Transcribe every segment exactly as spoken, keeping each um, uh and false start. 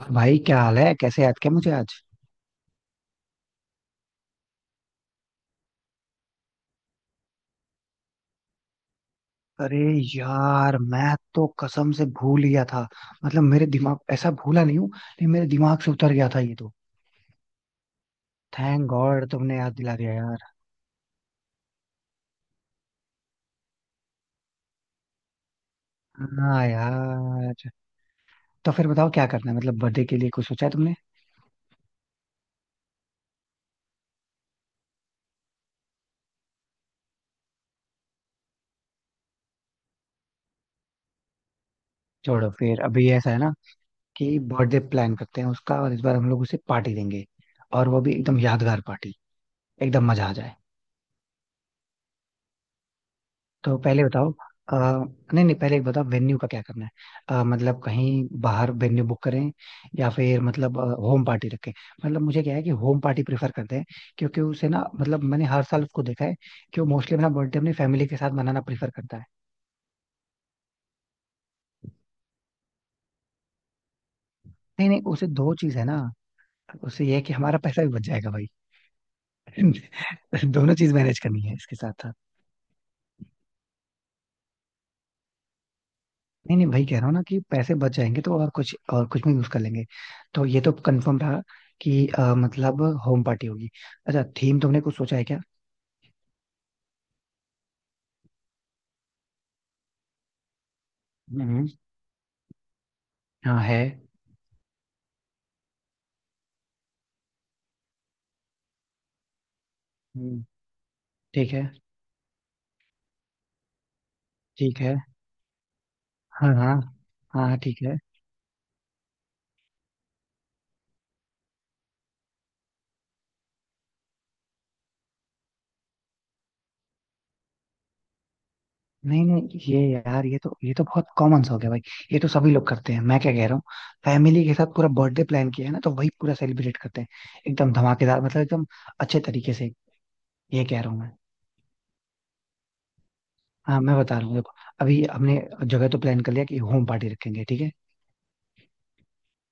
और भाई, क्या हाल है? कैसे याद किया मुझे आज? अरे यार, मैं तो कसम से भूल गया था। मतलब मेरे दिमाग ऐसा भूला नहीं हूँ, लेकिन मेरे दिमाग से उतर गया था ये तो। थैंक गॉड तुमने याद दिला दिया यार। हाँ यार। तो फिर बताओ क्या करना है, मतलब बर्थडे के लिए कुछ सोचा है तुमने? छोड़ो, फिर अभी ऐसा है ना कि बर्थडे प्लान करते हैं उसका, और इस बार हम लोग उसे पार्टी देंगे। और वो भी एकदम यादगार पार्टी। एकदम मजा आ जाए। तो पहले बताओ। आ, नहीं नहीं, पहले एक बताओ वेन्यू का क्या करना है। अ, मतलब कहीं बाहर वेन्यू बुक करें, या फिर मतलब होम पार्टी रखें। मतलब मुझे क्या है कि होम पार्टी प्रेफर करते हैं, क्योंकि उसे ना मतलब मैंने हर साल उसको देखा है कि वो मोस्टली अपना बर्थडे अपनी फैमिली के साथ मनाना प्रेफर करता है। नहीं नहीं, उसे दो चीज है ना। उसे ये है कि हमारा पैसा भी बच जाएगा भाई। दोनों चीज मैनेज करनी है इसके साथ। नहीं नहीं भाई, कह रहा हूँ ना कि पैसे बच जाएंगे तो और कुछ और कुछ में यूज कर लेंगे। तो ये तो कंफर्म रहा कि अ, मतलब होम पार्टी होगी। अच्छा, थीम तुमने कुछ सोचा है क्या? हम्म। हाँ, है। हम्म। ठीक है, ठीक है। हाँ, हाँ। हाँ हाँ, ठीक है। नहीं नहीं ये यार, ये तो ये तो बहुत कॉमन सा हो गया भाई। ये तो सभी लोग करते हैं। मैं क्या कह रहा हूँ, फैमिली के साथ पूरा बर्थडे प्लान किया है ना तो वही पूरा सेलिब्रेट करते हैं। एकदम धमाकेदार, मतलब एकदम अच्छे तरीके से। ये कह रहा हूँ मैं। हाँ मैं बता रहा हूँ, देखो। अभी हमने जगह तो प्लान कर लिया कि होम पार्टी रखेंगे, ठीक है।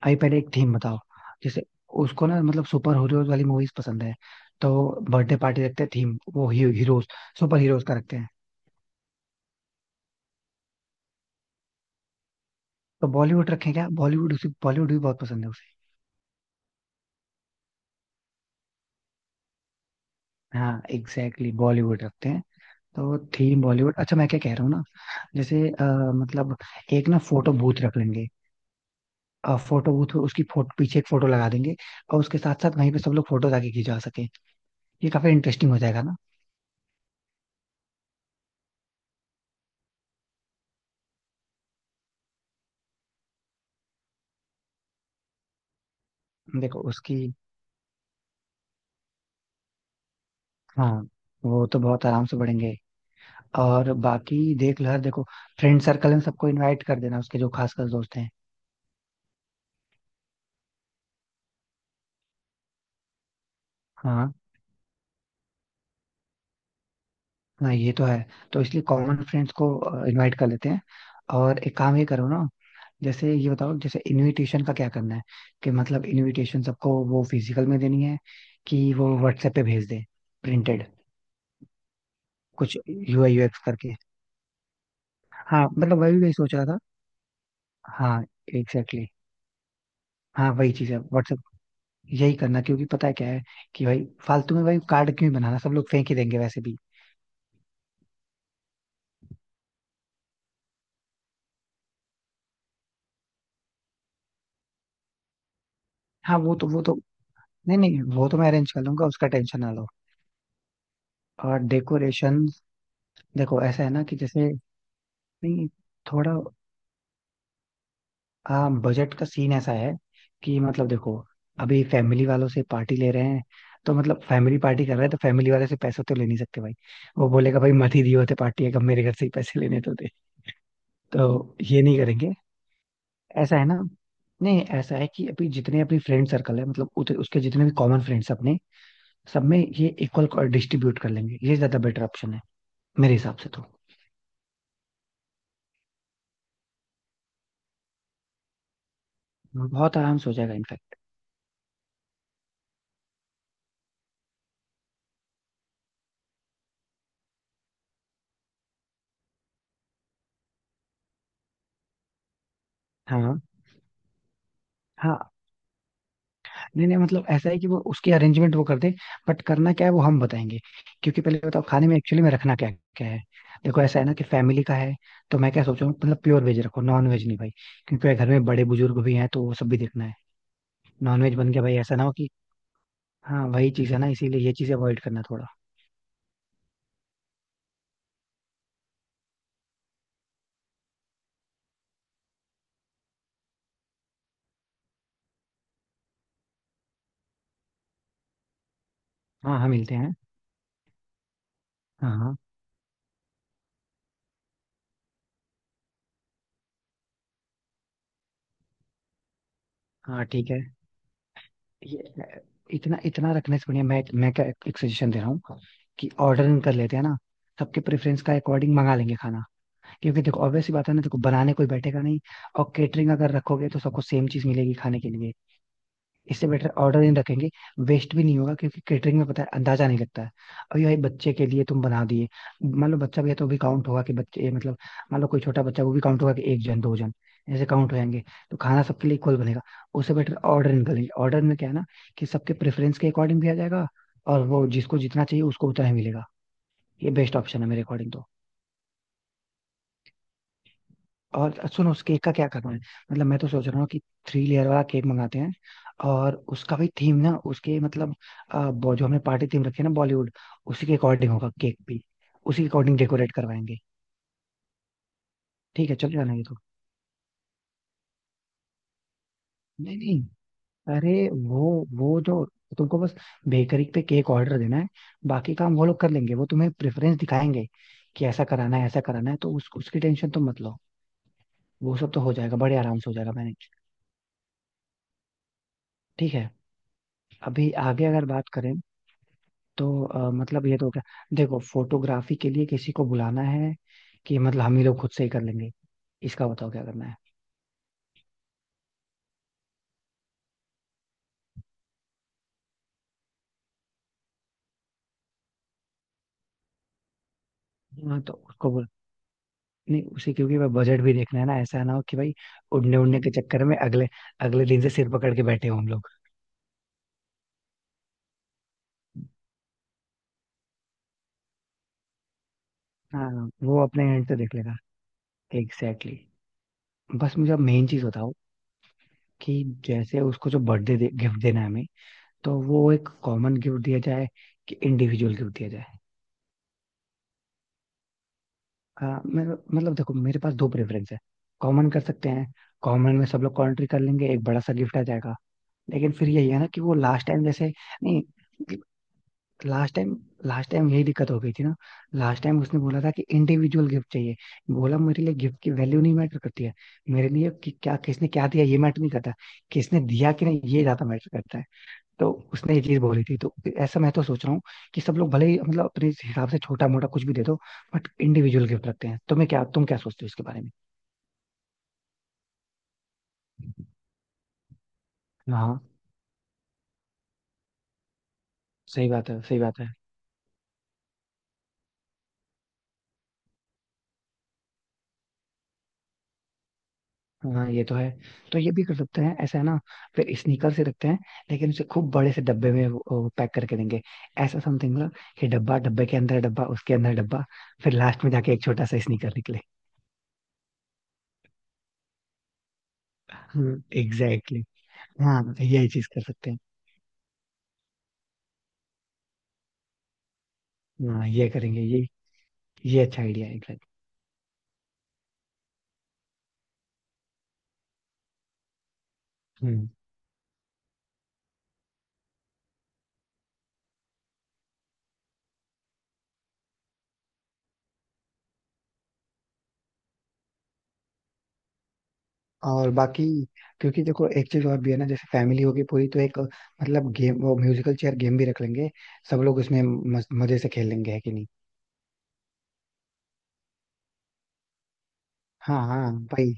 अभी पहले एक थीम बताओ। जैसे उसको ना मतलब सुपर हीरोज वाली मूवीज पसंद है। तो बर्थडे पार्टी रखते हैं, थीम वो ही, हीरोज। सुपर हीरोज का रखते हैं। तो बॉलीवुड रखें क्या? बॉलीवुड उसे, बॉलीवुड भी बहुत पसंद है उसे। हाँ एग्जैक्टली exactly, बॉलीवुड रखते हैं। तो थीम बॉलीवुड। अच्छा मैं क्या कह रहा हूँ ना, जैसे अ, मतलब एक ना फोटो बूथ रख लेंगे। फोटो बूथ, उसकी फोटो पीछे एक फोटो लगा देंगे, और उसके साथ साथ वहीं पे सब लोग फोटो आके खिंचवा सके। ये काफी इंटरेस्टिंग हो जाएगा ना। देखो उसकी, हाँ, वो तो बहुत आराम से बढ़ेंगे। और बाकी देख लो यार, देखो फ्रेंड सर्कल में सबको इनवाइट कर देना उसके जो खास खास दोस्त हैं। हाँ हाँ ये तो है। तो इसलिए कॉमन फ्रेंड्स को इनवाइट कर लेते हैं। और एक काम ये करो ना, जैसे ये बताओ, जैसे इनविटेशन का क्या करना है, कि मतलब इनविटेशन सबको वो फिजिकल में देनी है, कि वो व्हाट्सएप पे भेज दे प्रिंटेड, कुछ यू आई यू एक्स करके। हाँ मतलब वही वही सोच रहा था। हाँ एग्जैक्टली exactly. हाँ वही चीज है। यही करना, क्योंकि पता है क्या है कि भाई, फालतू में भाई कार्ड क्यों बनाना, सब लोग फेंक ही देंगे वैसे भी। हाँ, वो तो वो तो। नहीं नहीं, वो तो मैं अरेंज कर लूंगा, उसका टेंशन ना लो। और डेकोरेशन, देखो ऐसा है ना कि जैसे, नहीं, थोड़ा, हाँ, बजट का सीन ऐसा है कि मतलब देखो, अभी फैमिली वालों से पार्टी ले रहे हैं, तो मतलब फैमिली पार्टी कर रहे हैं तो फैमिली वाले से पैसे तो ले नहीं सकते भाई। वो बोलेगा भाई, मत ही दिए होते पार्टी, है कब मेरे घर से ही पैसे लेने तो थे। तो ये नहीं करेंगे। ऐसा है ना, नहीं ऐसा है कि अभी जितने अपनी फ्रेंड सर्कल है, मतलब उत, उसके जितने भी कॉमन फ्रेंड्स हैं अपने, सब में ये इक्वल डिस्ट्रीब्यूट कर लेंगे, ये ज्यादा बेटर ऑप्शन है मेरे हिसाब से तो। बहुत आराम से हो जाएगा इनफैक्ट। हाँ, हाँ। नहीं नहीं, मतलब ऐसा है कि वो उसकी अरेंजमेंट वो कर दे, बट करना क्या है वो हम बताएंगे। क्योंकि पहले बताओ खाने में एक्चुअली में रखना क्या, क्या है। देखो ऐसा है ना कि फैमिली का है, तो मैं क्या सोच रहा हूँ, मतलब प्योर वेज रखो, नॉन वेज नहीं भाई, क्योंकि घर में बड़े बुजुर्ग भी हैं, तो वो सब भी देखना है। नॉन वेज बन गया भाई, ऐसा ना हो कि। हाँ वही चीज़ है ना, इसीलिए ये चीज़ अवॉइड करना थोड़ा। हाँ हाँ मिलते हैं। हाँ हाँ। हाँ। ठीक है। ये इतना इतना रखने से बढ़िया, मैं मैं क्या एक सजेशन दे रहा हूँ कि ऑर्डर कर लेते हैं ना, सबके प्रेफरेंस का अकॉर्डिंग मंगा लेंगे खाना। क्योंकि देखो, ऑब्वियस सी बात है ना, देखो बनाने कोई बैठेगा नहीं, और केटरिंग अगर रखोगे तो सबको सेम चीज़ मिलेगी खाने के लिए। इससे बेटर ऑर्डर इन रखेंगे, वेस्ट भी नहीं होगा, क्योंकि केटरिंग में पता है अंदाजा नहीं लगता है। अभी भाई, बच्चे के लिए तुम बना दिए, मान लो बच्चा भी है, तो भी काउंट होगा कि बच्चे मतलब, मान लो कोई छोटा बच्चा वो भी काउंट होगा कि एक जन दो जन, ऐसे काउंट हो जाएंगे। तो खाना सबके लिए इक्वल बनेगा। उससे बेटर ऑर्डर निकलेंगे। ऑर्डर में क्या है ना, कि सबके प्रेफरेंस के अकॉर्डिंग भी आ जाएगा, और वो जिसको जितना चाहिए उसको उतना ही मिलेगा। ये बेस्ट ऑप्शन है मेरे अकॉर्डिंग तो। और सुनो, उस केक का क्या करना है? मतलब मैं तो सोच रहा हूँ कि थ्री लेयर वाला केक मंगाते हैं, और उसका भी थीम ना उसके मतलब, अ, ब- जो हमने पार्टी थीम रखी है ना, बॉलीवुड, उसी के अकॉर्डिंग होगा केक भी, उसी के अकॉर्डिंग डेकोरेट करवाएंगे। ठीक है, चल जाना ये तो। नहीं नहीं, अरे वो वो जो, तुमको बस बेकरी पे केक ऑर्डर देना है, बाकी काम वो लोग कर लेंगे, वो तुम्हें प्रेफरेंस दिखाएंगे कि ऐसा कराना है ऐसा कराना है, तो उस, उसकी टेंशन तुम मत लो। वो सब तो हो जाएगा, बड़े आराम से हो जाएगा मैनेज। ठीक है। अभी आगे अगर बात करें तो अ, मतलब ये तो क्या, देखो, फोटोग्राफी के लिए किसी को बुलाना है, कि मतलब हम ही लोग खुद से ही कर लेंगे, इसका बताओ क्या करना है। हाँ तो उसको बोल, नहीं उसे, क्योंकि भाई बजट भी देखना है ना, ऐसा ना हो कि भाई उड़ने उड़ने के चक्कर में अगले, अगले दिन से सिर पकड़ के बैठे हो हम लोग। हाँ, वो अपने एंड से देख लेगा। Exactly exactly. बस मुझे अब मेन चीज बताओ, कि जैसे उसको जो बर्थडे गिफ्ट देना है हमें, तो वो एक कॉमन गिफ्ट दिया जाए कि इंडिविजुअल गिफ्ट दिया जाए? हाँ मैं, मतलब देखो मेरे पास दो प्रेफरेंस है, कॉमन कर सकते हैं, कॉमन में सब लोग कंट्री कर लेंगे, एक बड़ा सा गिफ्ट आ जाएगा। लेकिन फिर यही है ना कि वो लास्ट टाइम जैसे, नहीं, लास्ट टाइम, लास्ट टाइम यही दिक्कत हो गई थी ना, लास्ट टाइम उसने बोला था कि इंडिविजुअल गिफ्ट चाहिए। बोला मेरे लिए गिफ्ट की वैल्यू नहीं मैटर करती है, मेरे लिए कि क्या किसने क्या दिया ये मैटर नहीं करता, किसने दिया कि नहीं ये ज्यादा मैटर करता है। तो उसने ये चीज बोली थी, तो ऐसा मैं तो सोच रहा हूँ कि सब लोग भले ही मतलब अपने हिसाब से छोटा मोटा कुछ भी दे दो, बट इंडिविजुअल गिफ्ट रखते हैं। तुम्हें क्या, तुम क्या सोचते हो इसके बारे में? हाँ सही बात है, सही बात है। हाँ ये तो है। तो ये भी कर सकते हैं, ऐसा है ना, फिर स्नीकर से रखते हैं, लेकिन उसे खूब बड़े से डब्बे में पैक करके देंगे। ऐसा समथिंग ना कि डब्बा, डब्बे के अंदर डब्बा, उसके अंदर डब्बा, फिर लास्ट में जाके एक छोटा सा स्नीकर निकले। हम्म एग्जैक्टली। हाँ यही चीज कर सकते हैं। हाँ ये करेंगे ये ये अच्छा आइडिया है। एग्जैक्ट। और बाकी, क्योंकि देखो एक चीज और भी है ना, जैसे फैमिली होगी पूरी, तो एक मतलब गेम, वो म्यूजिकल चेयर गेम भी रख लेंगे, सब लोग उसमें मज- मजे से खेल लेंगे, है कि नहीं? हाँ हाँ भाई,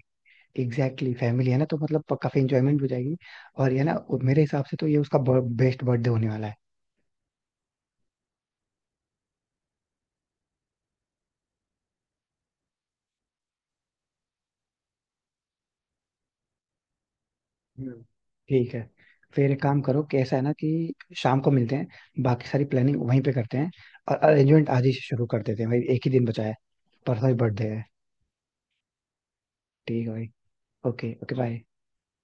एग्जैक्टली। फैमिली है ना, तो मतलब प- काफी इंजॉयमेंट हो जाएगी। और ये ना उ- मेरे हिसाब से तो ये उसका बेस्ट बर्थडे होने वाला है। हम्म। ठीक है। फिर एक काम करो कि ऐसा है ना कि शाम को मिलते हैं, बाकी सारी प्लानिंग वहीं पे करते हैं, और अरेंजमेंट आज ही से शुरू कर देते हैं भाई, एक ही दिन बचा है। परसों ही बर्थडे है। ठीक है भाई। Okay okay, bye.